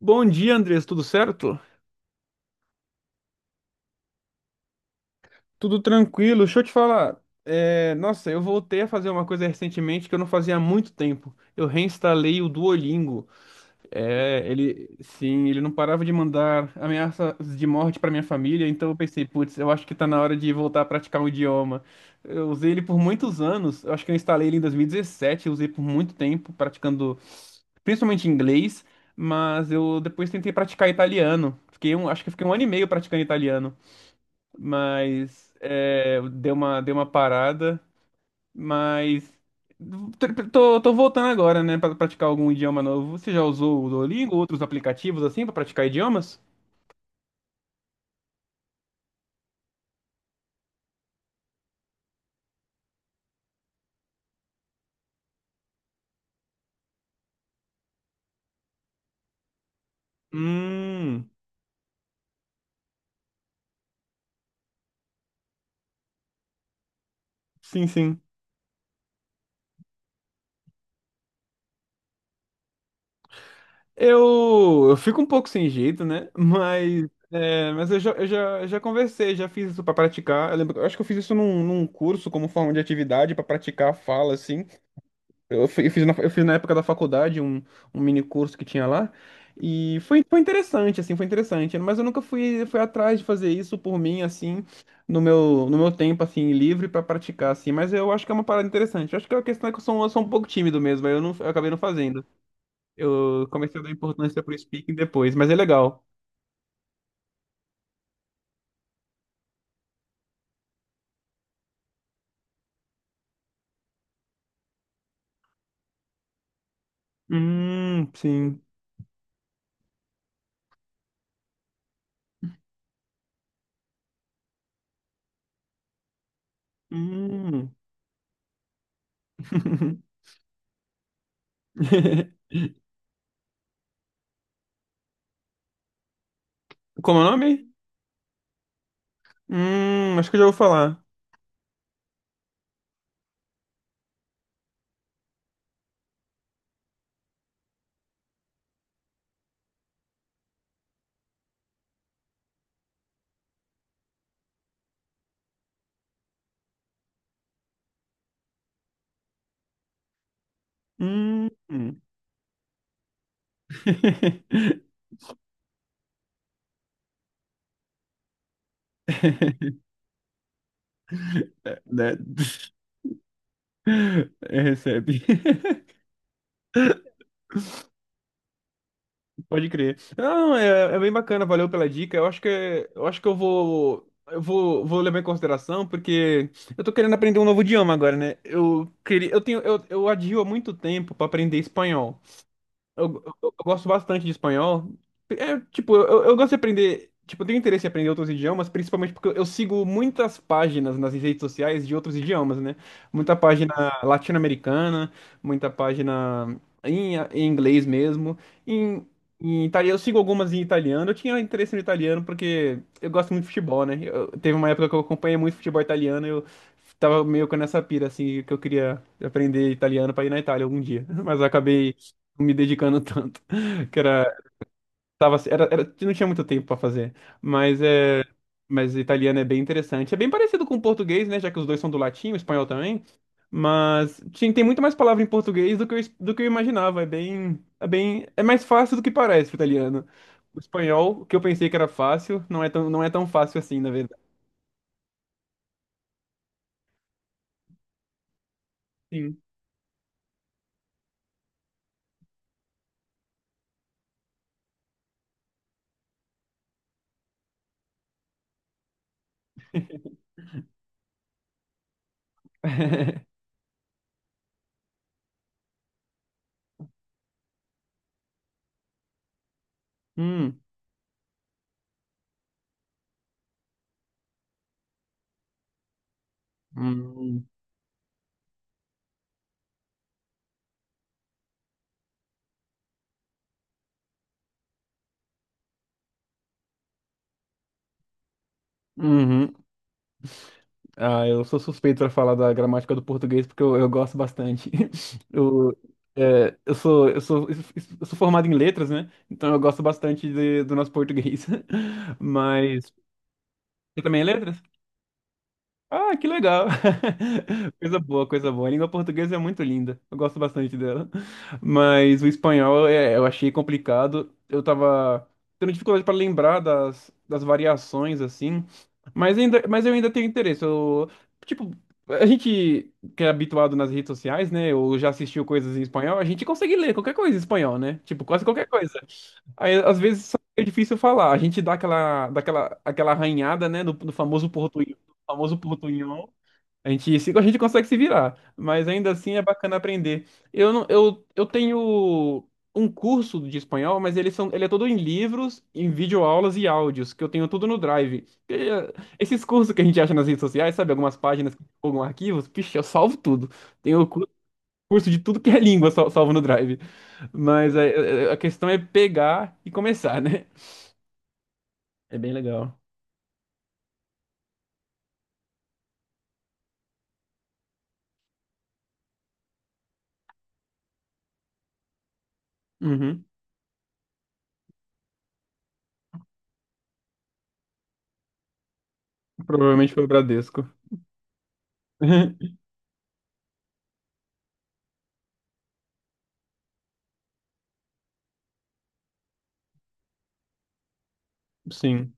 Bom dia, Andrés, tudo certo? Tudo tranquilo. Deixa eu te falar. Nossa, eu voltei a fazer uma coisa recentemente que eu não fazia há muito tempo. Eu reinstalei o Duolingo. Ele não parava de mandar ameaças de morte para minha família, então eu pensei, putz, eu acho que tá na hora de voltar a praticar um idioma. Eu usei ele por muitos anos. Eu acho que eu instalei ele em 2017, eu usei por muito tempo praticando principalmente inglês, mas eu depois tentei praticar italiano. Acho que eu fiquei um ano e meio praticando italiano. Mas deu uma parada, mas tô voltando agora, né, para praticar algum idioma novo. Você já usou o Duolingo, outros aplicativos assim para praticar idiomas? Hum, sim. Eu fico um pouco sem jeito, né? Mas, mas eu já conversei, já fiz isso para praticar. Eu lembro, eu acho que eu fiz isso num curso como forma de atividade para praticar a fala, assim. Eu fiz na época da faculdade um mini curso que tinha lá. E foi interessante, assim, foi interessante. Mas eu nunca fui atrás de fazer isso por mim, assim, no meu tempo, assim, livre pra praticar, assim. Mas eu acho que é uma parada interessante. Eu acho que a questão é que eu sou um pouco tímido mesmo, aí eu, não, eu acabei não fazendo. Eu comecei a dar importância pro speaking depois, mas é legal. Sim. Hum. Como é o nome? Acho que eu já vou falar. Hum. É, né? Recebe. Pode crer. Não, é bem bacana, valeu pela dica. Eu acho que eu acho que eu vou, vou levar em consideração porque eu tô querendo aprender um novo idioma agora, né? Eu queria eu tenho eu adio há muito tempo para aprender espanhol. Eu gosto bastante de espanhol. É, tipo, eu gosto de aprender. Tipo, eu tenho interesse em aprender outros idiomas, principalmente porque eu sigo muitas páginas nas redes sociais de outros idiomas, né? Muita página latino-americana, muita página em inglês mesmo. Em, em italiano, eu sigo algumas em italiano. Eu tinha interesse no italiano porque eu gosto muito de futebol, né? Teve uma época que eu acompanhei muito futebol italiano e eu tava meio com essa pira, assim, que eu queria aprender italiano pra ir na Itália algum dia. Mas eu acabei me dedicando tanto que era não tinha muito tempo para fazer, mas italiano é bem interessante, é bem parecido com o português, né, já que os dois são do latim, o espanhol também, mas tem muito mais palavra em português do que do que eu imaginava. É bem é bem É mais fácil do que parece, o italiano. O espanhol, o que eu pensei que era fácil, não é tão fácil assim, na verdade. Sim. Hum, hum, uhum. Ah, eu sou suspeito para falar da gramática do português porque eu gosto bastante. Eu, é, eu sou, eu sou, eu sou formado em letras, né? Então eu gosto bastante do nosso português. Mas você também é letras? Ah, que legal. Coisa boa, coisa boa. A língua portuguesa é muito linda. Eu gosto bastante dela. Mas o espanhol eu achei complicado. Eu tava tendo dificuldade para lembrar das variações, assim. Mas eu ainda tenho interesse. Eu, tipo, a gente que é habituado nas redes sociais, né? Ou já assistiu coisas em espanhol, a gente consegue ler qualquer coisa em espanhol, né? Tipo, quase qualquer coisa. Aí, às vezes só é difícil falar. A gente dá aquela arranhada, né, do no famoso portunhol. A gente, a gente consegue se virar, mas ainda assim é bacana aprender. Eu não, eu tenho um curso de espanhol, mas ele é todo em livros, em videoaulas e áudios, que eu tenho tudo no Drive. E, esses cursos que a gente acha nas redes sociais, sabe, algumas páginas que divulgam arquivos, pixe, eu salvo tudo. Tenho curso de tudo que é língua, salvo no Drive. Mas a questão é pegar e começar, né? É bem legal. Uhum. Provavelmente foi o Bradesco. Sim.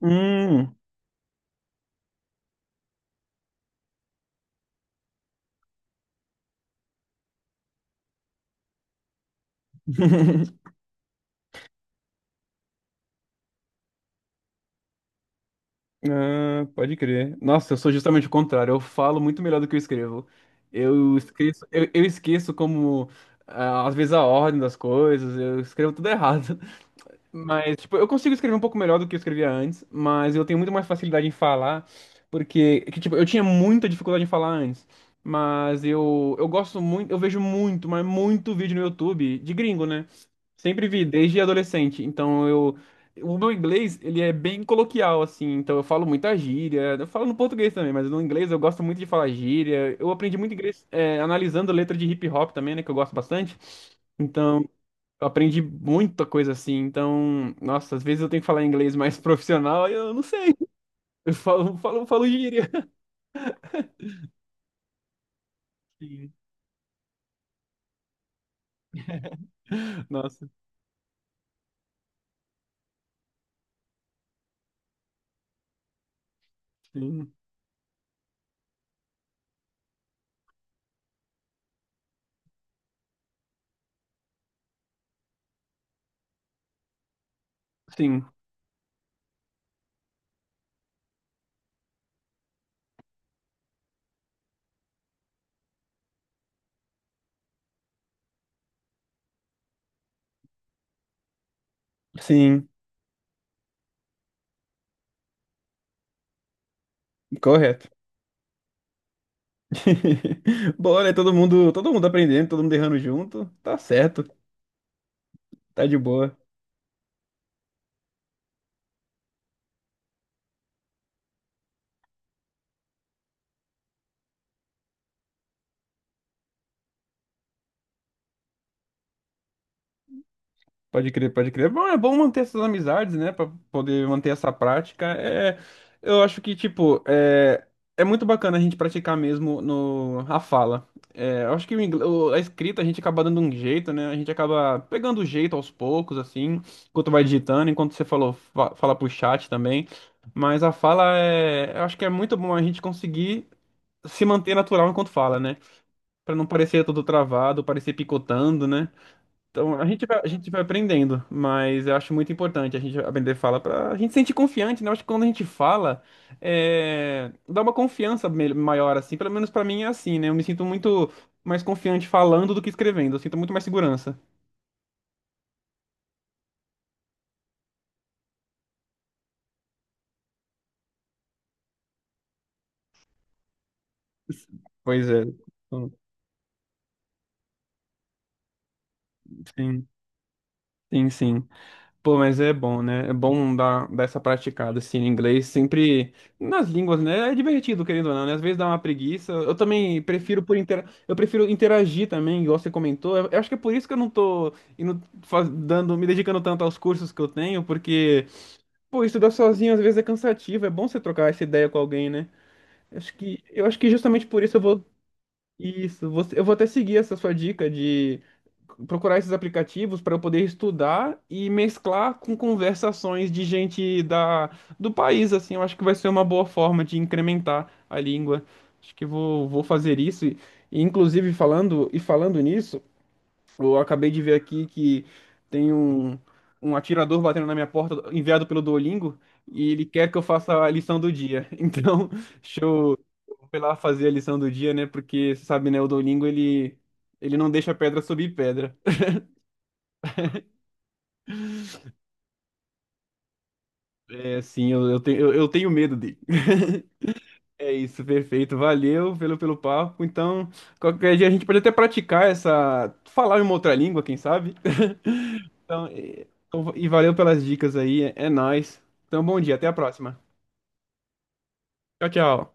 Hum, ah, pode crer. Nossa, eu sou justamente o contrário. Eu falo muito melhor do que eu escrevo. Eu esqueço como, ah, às vezes, a ordem das coisas. Eu escrevo tudo errado. Mas, tipo, eu consigo escrever um pouco melhor do que eu escrevia antes, mas eu tenho muito mais facilidade em falar, tipo, eu tinha muita dificuldade em falar antes, mas eu gosto muito, eu vejo muito, mas muito vídeo no YouTube de gringo, né? Sempre vi, desde adolescente, então eu... O meu inglês, ele é bem coloquial, assim, então eu falo muita gíria, eu falo no português também, mas no inglês eu gosto muito de falar gíria, eu aprendi muito inglês, analisando letra de hip hop também, né, que eu gosto bastante, então eu aprendi muita coisa assim. Então, nossa, às vezes eu tenho que falar inglês mais profissional e eu não sei. Eu falo gíria. Sim. Nossa, sim. Sim. Sim. Correto. Bom, né? Todo mundo aprendendo, todo mundo errando junto. Tá certo. Tá de boa. Pode crer, pode crer. É bom, é bom manter essas amizades, né? Pra poder manter essa prática. Eu acho que, tipo, é muito bacana a gente praticar mesmo no, a fala. É, eu acho que a escrita a gente acaba dando um jeito, né? A gente acaba pegando o jeito aos poucos, assim, enquanto vai digitando, enquanto você falou, fa fala pro chat também. Mas a fala é. Eu acho que é muito bom a gente conseguir se manter natural enquanto fala, né? Pra não parecer tudo travado, parecer picotando, né? Então, a gente vai aprendendo, mas eu acho muito importante a gente aprender fala para a gente se sentir confiante, né? Eu acho que quando a gente fala, dá uma confiança maior, assim. Pelo menos para mim é assim, né? Eu me sinto muito mais confiante falando do que escrevendo. Eu sinto muito mais segurança. Pois é. Então, sim, sim, sim. Pô, mas é bom, né? É bom dar essa praticada, assim, em inglês. Sempre nas línguas, né? É divertido, querendo ou não, né? Às vezes dá uma preguiça. Eu também prefiro por intera... Eu prefiro interagir também, igual você comentou. Eu acho que é por isso que eu não tô indo, me dedicando tanto aos cursos que eu tenho, porque, pô, estudar sozinho às vezes é cansativo. É bom você trocar essa ideia com alguém, né? Eu acho que justamente por isso eu vou. Isso, você, eu vou até seguir essa sua dica de procurar esses aplicativos para eu poder estudar e mesclar com conversações de gente do país, assim, eu acho que vai ser uma boa forma de incrementar a língua. Acho que vou fazer isso. E, inclusive, falando nisso, eu acabei de ver aqui que tem um, um atirador batendo na minha porta, enviado pelo Duolingo, e ele quer que eu faça a lição do dia. Então, deixa eu foi lá fazer a lição do dia, né? Porque, você sabe, né, o Duolingo, ele não deixa pedra subir pedra. É assim, eu tenho medo dele. É isso, perfeito. Valeu pelo, pelo papo. Então, qualquer dia a gente pode até praticar essa. Falar em uma outra língua, quem sabe? Então, valeu pelas dicas aí. É, é nóis. Então, bom dia, até a próxima. Tchau, tchau.